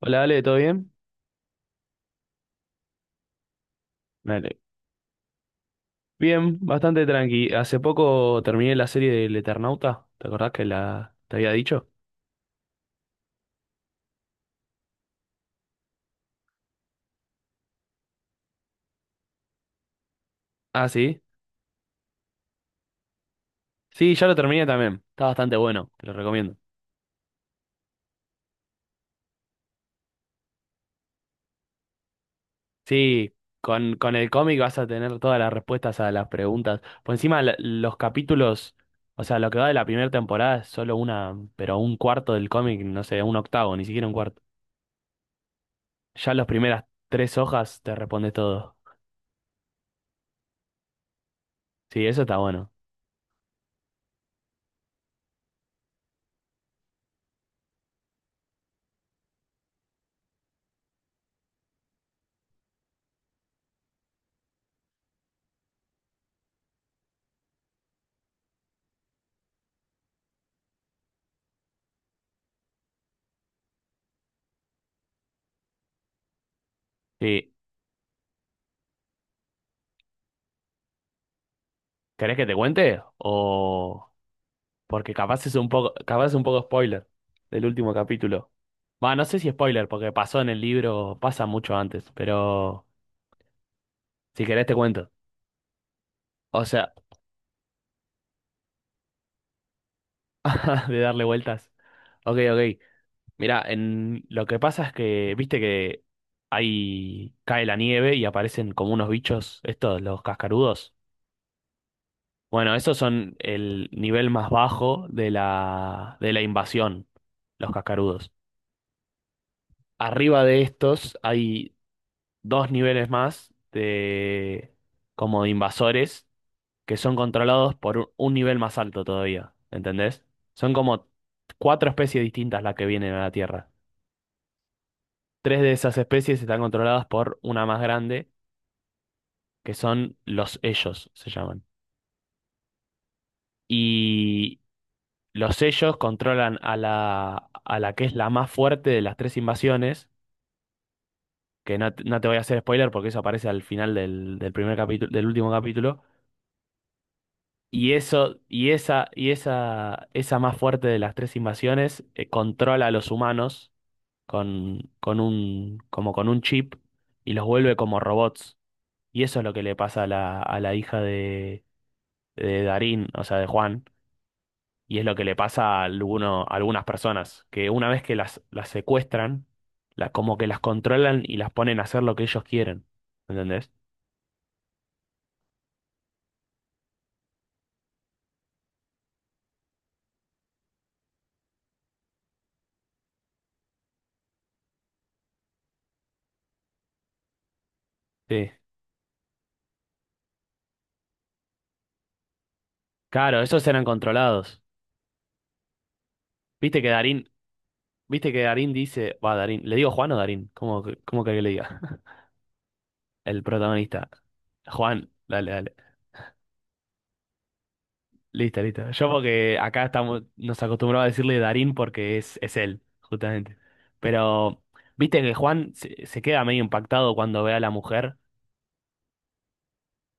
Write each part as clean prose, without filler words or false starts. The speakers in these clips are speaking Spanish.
Hola Ale, ¿todo bien? Dale. Bien, bastante tranqui. Hace poco terminé la serie del Eternauta. ¿Te acordás que la te había dicho? Ah, sí. Sí, ya lo terminé también. Está bastante bueno, te lo recomiendo. Sí, con el cómic vas a tener todas las respuestas a las preguntas. Por encima, los capítulos, o sea, lo que va de la primera temporada es solo una, pero un cuarto del cómic, no sé, un octavo, ni siquiera un cuarto. Ya las primeras tres hojas te respondes todo. Sí, eso está bueno. Sí. ¿Querés que te cuente? O. Porque capaz es un poco, capaz es un poco spoiler del último capítulo. Va, no sé si spoiler, porque pasó en el libro, pasa mucho antes, pero si querés te cuento. O sea, de darle vueltas. Ok, ok. Mira, en lo que pasa es que, viste que ahí cae la nieve y aparecen como unos bichos, estos, los cascarudos. Bueno, esos son el nivel más bajo de la invasión, los cascarudos. Arriba de estos hay dos niveles más de como de invasores que son controlados por un nivel más alto todavía, ¿entendés? Son como cuatro especies distintas las que vienen a la Tierra. Tres de esas especies están controladas por una más grande, que son los ellos, se llaman. Y los ellos controlan a la que es la más fuerte de las tres invasiones, que no, te no te voy a hacer spoiler porque eso aparece al final del primer capítulo, del último capítulo. Y eso, y esa, esa más fuerte de las tres invasiones, controla a los humanos con un, como con un chip y los vuelve como robots. Y eso es lo que le pasa a la hija de Darín, o sea, de Juan. Y es lo que le pasa a, alguno, a algunas personas, que una vez que las secuestran, la, como que las controlan y las ponen a hacer lo que ellos quieren. ¿Entendés? Sí. Claro, esos eran controlados. Viste que Darín, Viste que Darín dice, va, Darín, ¿le digo Juan o Darín? ¿Cómo, cómo querés que le diga? El protagonista. Juan, dale, dale. Listo, listo. Yo porque acá estamos, nos acostumbramos a decirle Darín porque es él, justamente. Pero, viste que Juan se, se queda medio impactado cuando ve a la mujer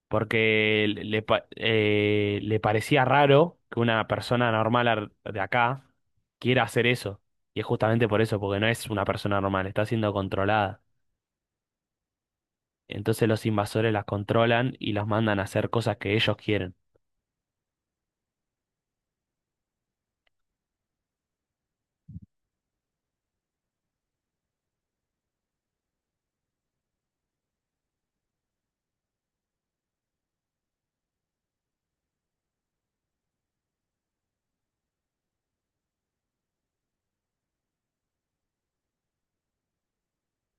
porque le, le parecía raro que una persona normal de acá quiera hacer eso. Y es justamente por eso, porque no es una persona normal, está siendo controlada. Entonces los invasores las controlan y los mandan a hacer cosas que ellos quieren.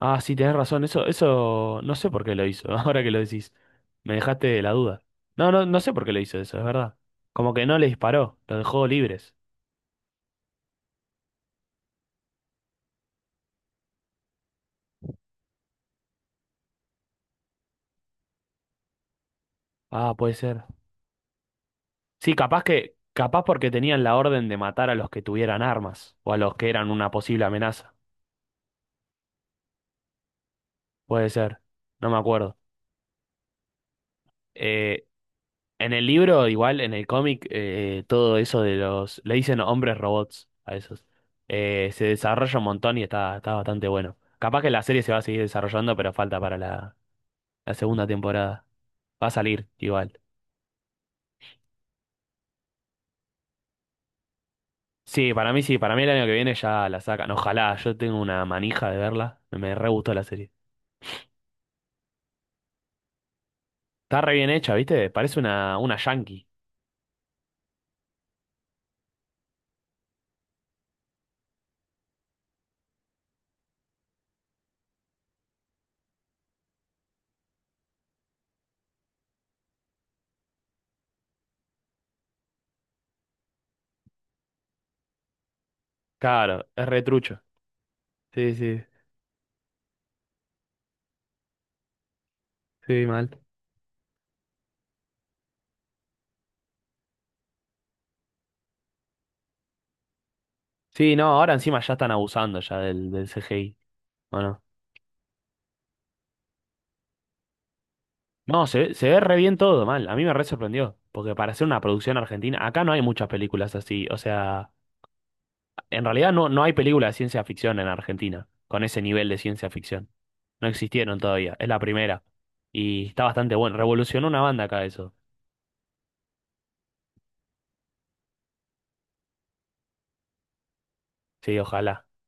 Ah, sí, tenés razón, eso no sé por qué lo hizo, ahora que lo decís. Me dejaste la duda. No, no, no sé por qué lo hizo eso, es verdad. Como que no le disparó, lo dejó libres. Ah, puede ser. Sí, capaz que, capaz porque tenían la orden de matar a los que tuvieran armas, o a los que eran una posible amenaza. Puede ser, no me acuerdo. Eh, En el libro, igual, en el cómic, todo eso de los... Le dicen hombres robots a esos. Se desarrolla un montón y está, está bastante bueno. Capaz que la serie se va a seguir desarrollando, pero falta para la, la segunda temporada. Va a salir igual. Sí, para mí el año que viene ya la sacan. Ojalá, yo tengo una manija de verla. Me re gustó la serie. Está re bien hecha, ¿viste? Parece una yankee. Claro, es re trucho. Sí, sí, sí, mal. Sí, no, ahora encima ya están abusando ya del CGI. No, se, se ve re bien todo, mal. A mí me re sorprendió. Porque para hacer una producción argentina, acá no hay muchas películas así. O sea, en realidad no, no hay películas de ciencia ficción en Argentina con ese nivel de ciencia ficción. No existieron todavía. Es la primera. Y está bastante bueno. Revolucionó una banda acá eso. Sí, ojalá.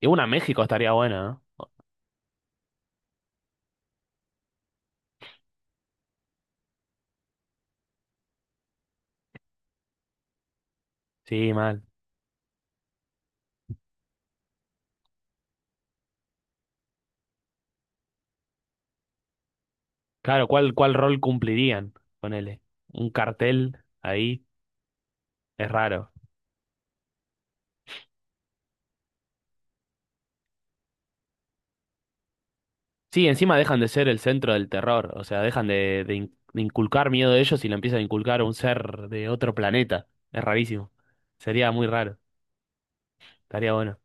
Y una México estaría buena, ¿no? Sí, mal. Claro, ¿cuál, cuál rol cumplirían? Ponele. Un cartel ahí. Es raro. Sí, encima dejan de ser el centro del terror, o sea, dejan de, de inculcar miedo de ellos y lo empiezan a inculcar a un ser de otro planeta. Es rarísimo. Sería muy raro, estaría bueno.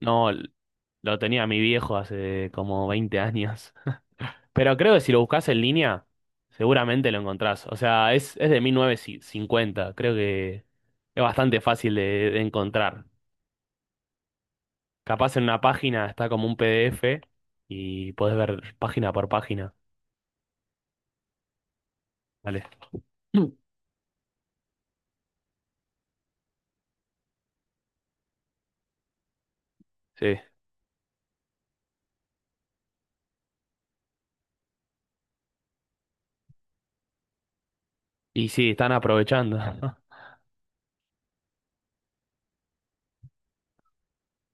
No, lo tenía mi viejo hace como 20 años. Pero creo que si lo buscas en línea, seguramente lo encontrás. O sea, es de 1950, creo que es bastante fácil de encontrar. Capaz en una página está como un PDF y podés ver página por página. Vale. Sí. Y sí, están aprovechando.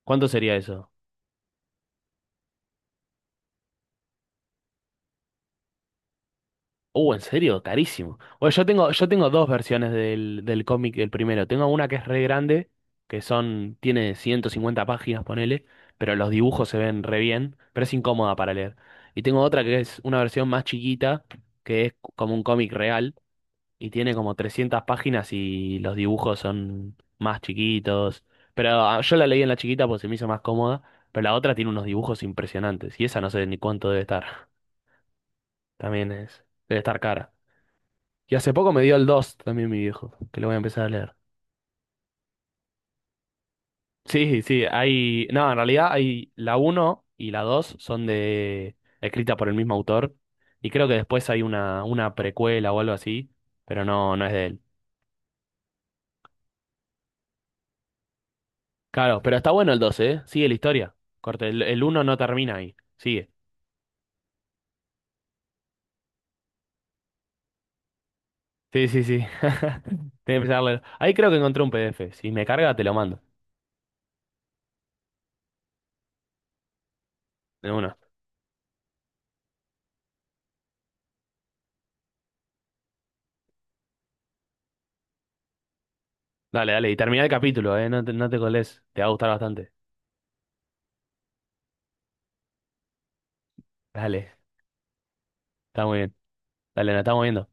¿Cuánto sería eso? ¿En serio? Carísimo. Bueno, yo tengo dos versiones del cómic del primero. Tengo una que es re grande, que son, tiene 150 páginas, ponele, pero los dibujos se ven re bien, pero es incómoda para leer. Y tengo otra que es una versión más chiquita, que es como un cómic real. Y tiene como 300 páginas y los dibujos son más chiquitos. Pero ah, yo la leí en la chiquita porque se me hizo más cómoda, pero la otra tiene unos dibujos impresionantes y esa no sé ni cuánto debe estar. También es, debe estar cara. Y hace poco me dio el 2 también mi viejo, que lo voy a empezar a leer. Sí, sí, hay, no, en realidad hay la uno y la 2 son de escrita por el mismo autor y creo que después hay una precuela o algo así, pero no es de él. Claro, pero está bueno el 2, ¿eh? Sigue la historia. Corte, el 1 no termina ahí. Sigue. Sí, sí, sí. Tengo que empezar a leer. Ahí creo que encontré un PDF. Si me carga, te lo mando. De una. Dale, dale. Y termina el capítulo, ¿eh? No te colés. Te va a gustar bastante. Dale. Está muy bien. Dale, nos estamos viendo.